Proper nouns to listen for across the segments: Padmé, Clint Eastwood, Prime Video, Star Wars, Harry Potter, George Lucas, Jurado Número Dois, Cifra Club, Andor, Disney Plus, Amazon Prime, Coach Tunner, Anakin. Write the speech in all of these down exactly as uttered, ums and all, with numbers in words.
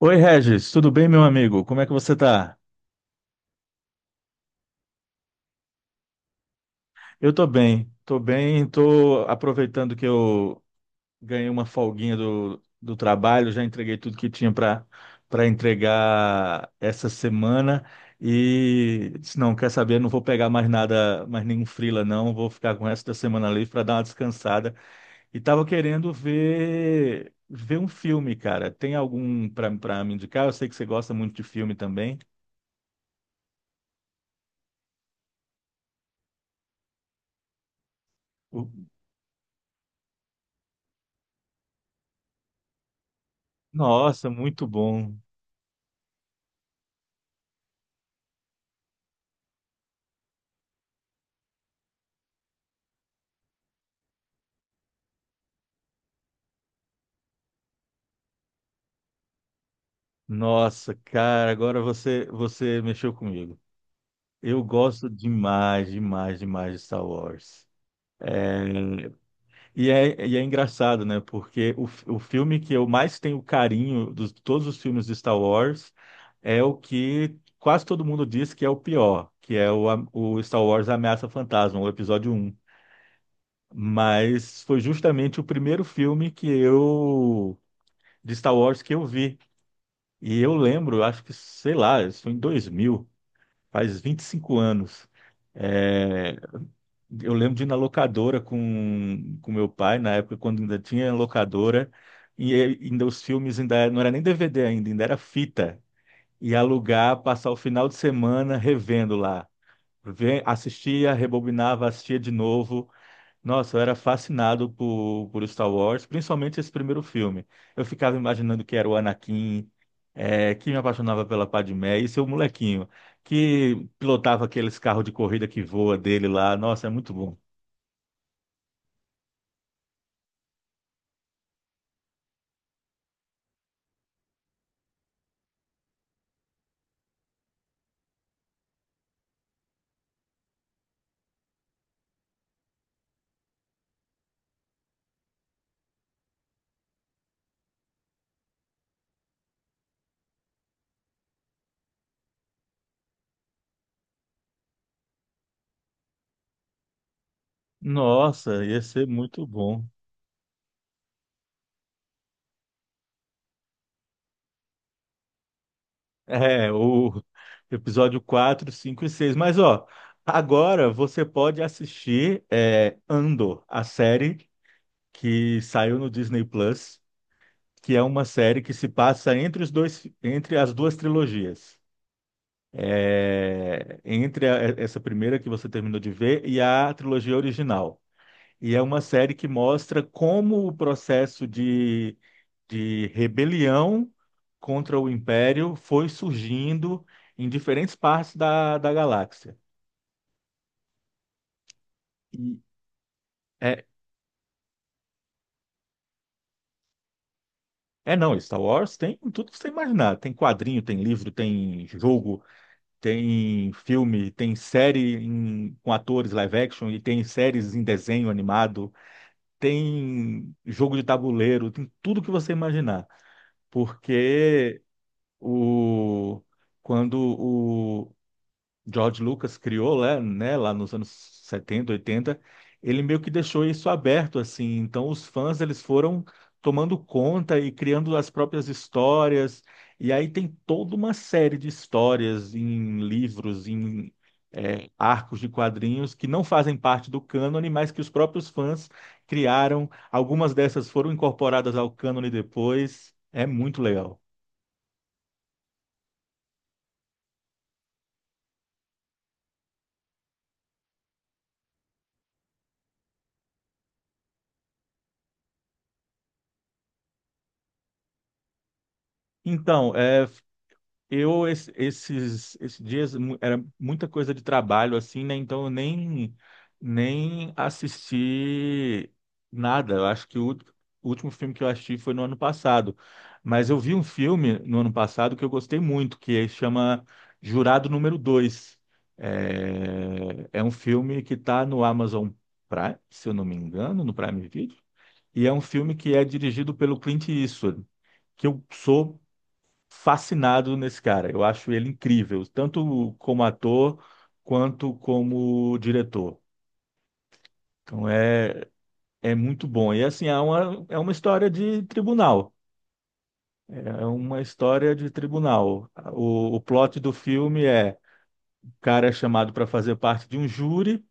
Oi, Regis, tudo bem, meu amigo? Como é que você tá? Eu tô bem, tô bem, tô aproveitando que eu ganhei uma folguinha do, do trabalho, já entreguei tudo que tinha para para entregar essa semana e disse, não, quer saber, não vou pegar mais nada, mais nenhum freela não, vou ficar com o resto da semana livre para dar uma descansada. E tava querendo ver ver um filme, cara. Tem algum para para me indicar? Eu sei que você gosta muito de filme também. O- Nossa, muito bom. Nossa, cara, agora você você mexeu comigo. Eu gosto demais, demais, demais de Star Wars. E é, e é engraçado, né? Porque o, f- o filme que eu mais tenho carinho dos todos os filmes de Star Wars é o que quase todo mundo diz que é o pior, que é o, a- o Star Wars Ameaça Fantasma, o episódio um. Mas foi justamente o primeiro filme que eu de Star Wars que eu vi. E eu lembro, acho que, sei lá, isso foi em dois mil. Faz vinte e cinco anos. É, eu lembro de ir na locadora com, com meu pai, na época quando ainda tinha locadora, e ainda os filmes ainda não era nem D V D ainda, ainda era fita. E alugar, passar o final de semana revendo lá. Ve- Assistia, rebobinava, assistia de novo. Nossa, eu era fascinado por, por Star Wars, principalmente esse primeiro filme. Eu ficava imaginando que era o Anakin, é, que me apaixonava pela Padmé, e seu molequinho, que pilotava aqueles carros de corrida que voa dele lá. Nossa, é muito bom. Nossa, ia ser muito bom. É, o episódio quatro, cinco e seis. Mas, ó, agora você pode assistir, é, Andor, a série que saiu no Disney Plus. Que é uma série que se passa entre os dois, entre as duas trilogias. É, entre a- essa primeira que você terminou de ver e a trilogia original. E é uma série que mostra como o processo de, de rebelião contra o Império foi surgindo em diferentes partes da, da galáxia. E é, é não, Star Wars tem tudo que você imaginar. Tem quadrinho, tem livro, tem jogo, tem filme, tem série em- com atores live action e tem séries em desenho animado, tem jogo de tabuleiro, tem tudo que você imaginar. Porque o quando George Lucas criou lá, né, lá nos anos setenta, oitenta, ele meio que deixou isso aberto assim. Então os fãs eles foram tomando conta e criando as próprias histórias. E aí tem toda uma série de histórias em livros, em, é, arcos de quadrinhos que não fazem parte do cânone, mas que os próprios fãs criaram. Algumas dessas foram incorporadas ao cânone depois. É muito legal. Então, é Eu, es- esses, esses dias, mu- era muita coisa de trabalho, assim, né? Então, eu nem, nem assisti nada. Eu acho que o, ult- o último filme que eu assisti foi no ano passado. Mas eu vi um filme no ano passado que eu gostei muito, que chama Jurado Número Dois. É, é um filme que está no Amazon Prime, se eu não me engano, no Prime Video. E é um filme que é dirigido pelo Clint Eastwood, que eu sou fascinado nesse cara. Eu acho ele incrível, tanto como ator quanto como diretor. Então é, é muito bom. E assim, é uma, é uma história de tribunal. É uma história de tribunal. O, o plot do filme é o cara é chamado para fazer parte de um júri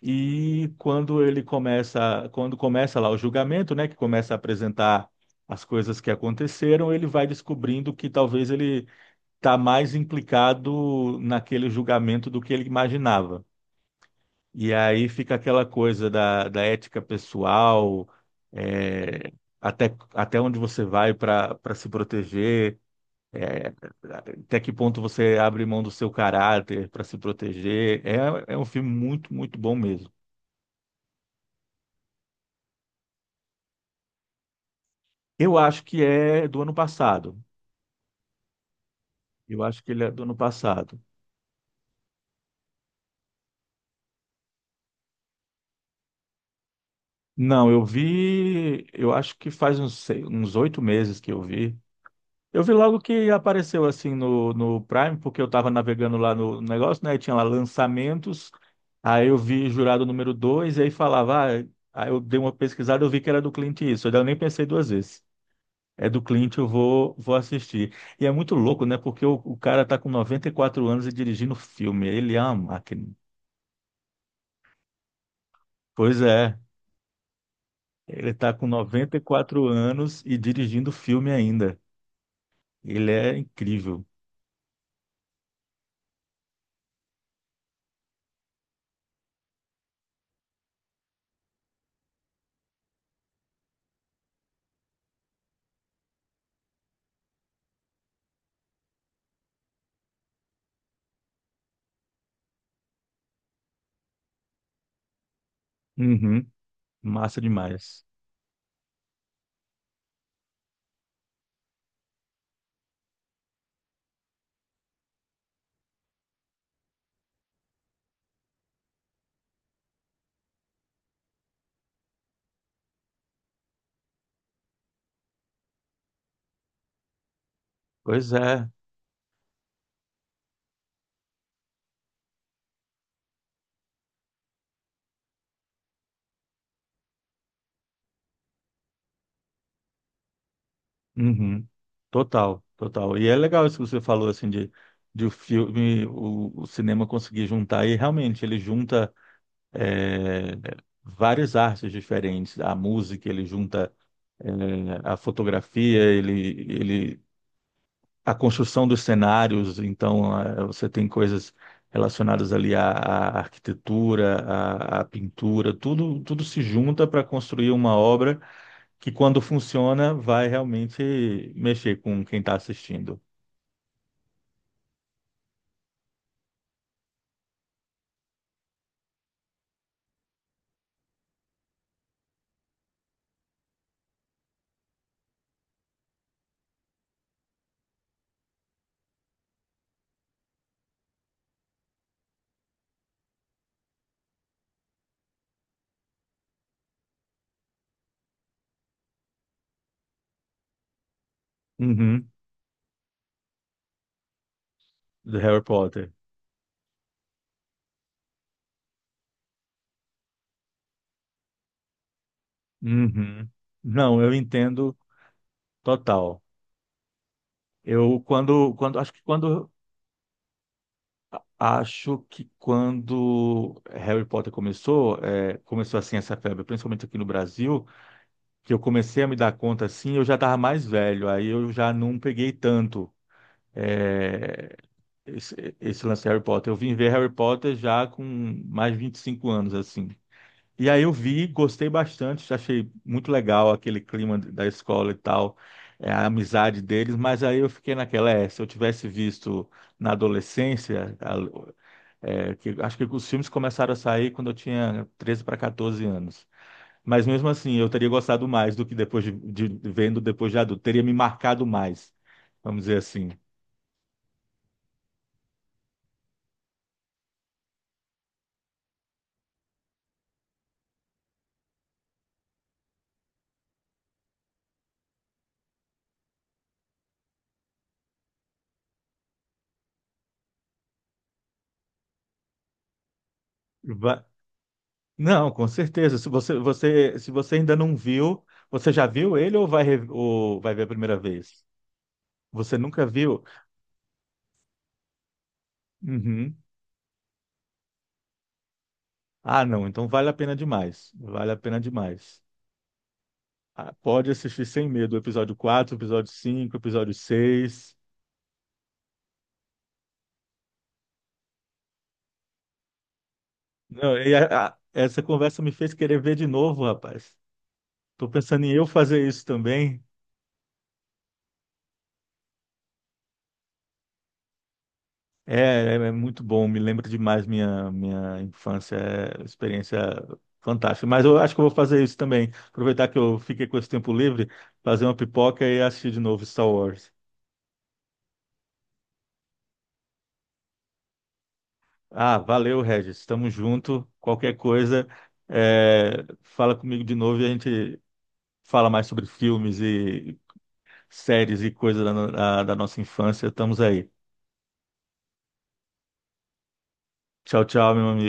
e quando ele começa, quando começa lá o julgamento, né, que começa a apresentar as coisas que aconteceram, ele vai descobrindo que talvez ele está mais implicado naquele julgamento do que ele imaginava. E aí fica aquela coisa da, da ética pessoal, é, até, até onde você vai para para se proteger, é, até que ponto você abre mão do seu caráter para se proteger. É, é um filme muito, muito bom mesmo. Eu acho que é do ano passado. Eu acho que ele é do ano passado. Não, eu vi, eu acho que faz uns, sei- uns oito meses que eu vi. Eu vi logo que apareceu assim no, no Prime, porque eu tava navegando lá no negócio, né? E tinha lá lançamentos. Aí eu vi Jurado Número Dois e aí falava, ah, aí eu dei uma pesquisada, eu vi que era do Clint Eastwood. Daí eu nem pensei duas vezes. É do Clint, eu vou, vou assistir. E é muito louco, né? Porque o, o cara tá com noventa e quatro anos e dirigindo filme. Ele é uma máquina. Pois é, ele tá com noventa e quatro anos e dirigindo filme ainda. Ele é incrível. Uhum, massa demais. Pois é. Uhum. Total, total. E é legal isso que você falou, assim, de, de o filme, o, o cinema conseguir juntar, e realmente ele junta, é, várias artes diferentes, a música, ele junta, é, a fotografia, ele, ele a construção dos cenários, então, eh, você tem coisas relacionadas ali à, à arquitetura, à, à pintura, tudo, tudo se junta para construir uma obra que quando funciona vai realmente mexer com quem está assistindo. Uhum, do Harry Potter. Uhum. Não, eu entendo total. Eu quando, quando acho que quando acho que quando Harry Potter começou, eh, começou assim essa febre, principalmente aqui no Brasil, que eu comecei a me dar conta assim, eu já estava mais velho, aí eu já não peguei tanto, é, esse, esse lance de Harry Potter. Eu vim ver Harry Potter já com mais de vinte e cinco anos, assim. E aí eu vi, gostei bastante, achei muito legal aquele clima da escola e tal, é, a amizade deles, mas aí eu fiquei naquela, é, se eu tivesse visto na adolescência, a- é, que, acho que os filmes começaram a sair quando eu tinha treze para quatorze anos. Mas mesmo assim, eu teria gostado mais do que depois de, de- vendo depois de adulto. Teria me marcado mais, vamos dizer assim. Va- Não, com certeza. Se você, você, se você ainda não viu, você já viu ele ou vai, re- ou vai ver a primeira vez? Você nunca viu? Uhum. Ah, não. Então vale a pena demais. Vale a pena demais. Ah, pode assistir sem medo. O episódio quatro, episódio cinco, episódio seis. Não, e a- a- essa conversa me fez querer ver de novo, rapaz. Tô pensando em eu fazer isso também. É, é é muito bom, me lembra demais minha, minha infância, é experiência fantástica. Mas eu acho que eu vou fazer isso também. Aproveitar que eu fiquei com esse tempo livre, fazer uma pipoca e assistir de novo Star Wars. Ah, valeu, Regis. Tamo junto. Qualquer coisa, é, fala comigo de novo e a gente fala mais sobre filmes e séries e coisas da, no- da da nossa infância. Estamos aí. Tchau, tchau, meu amigo.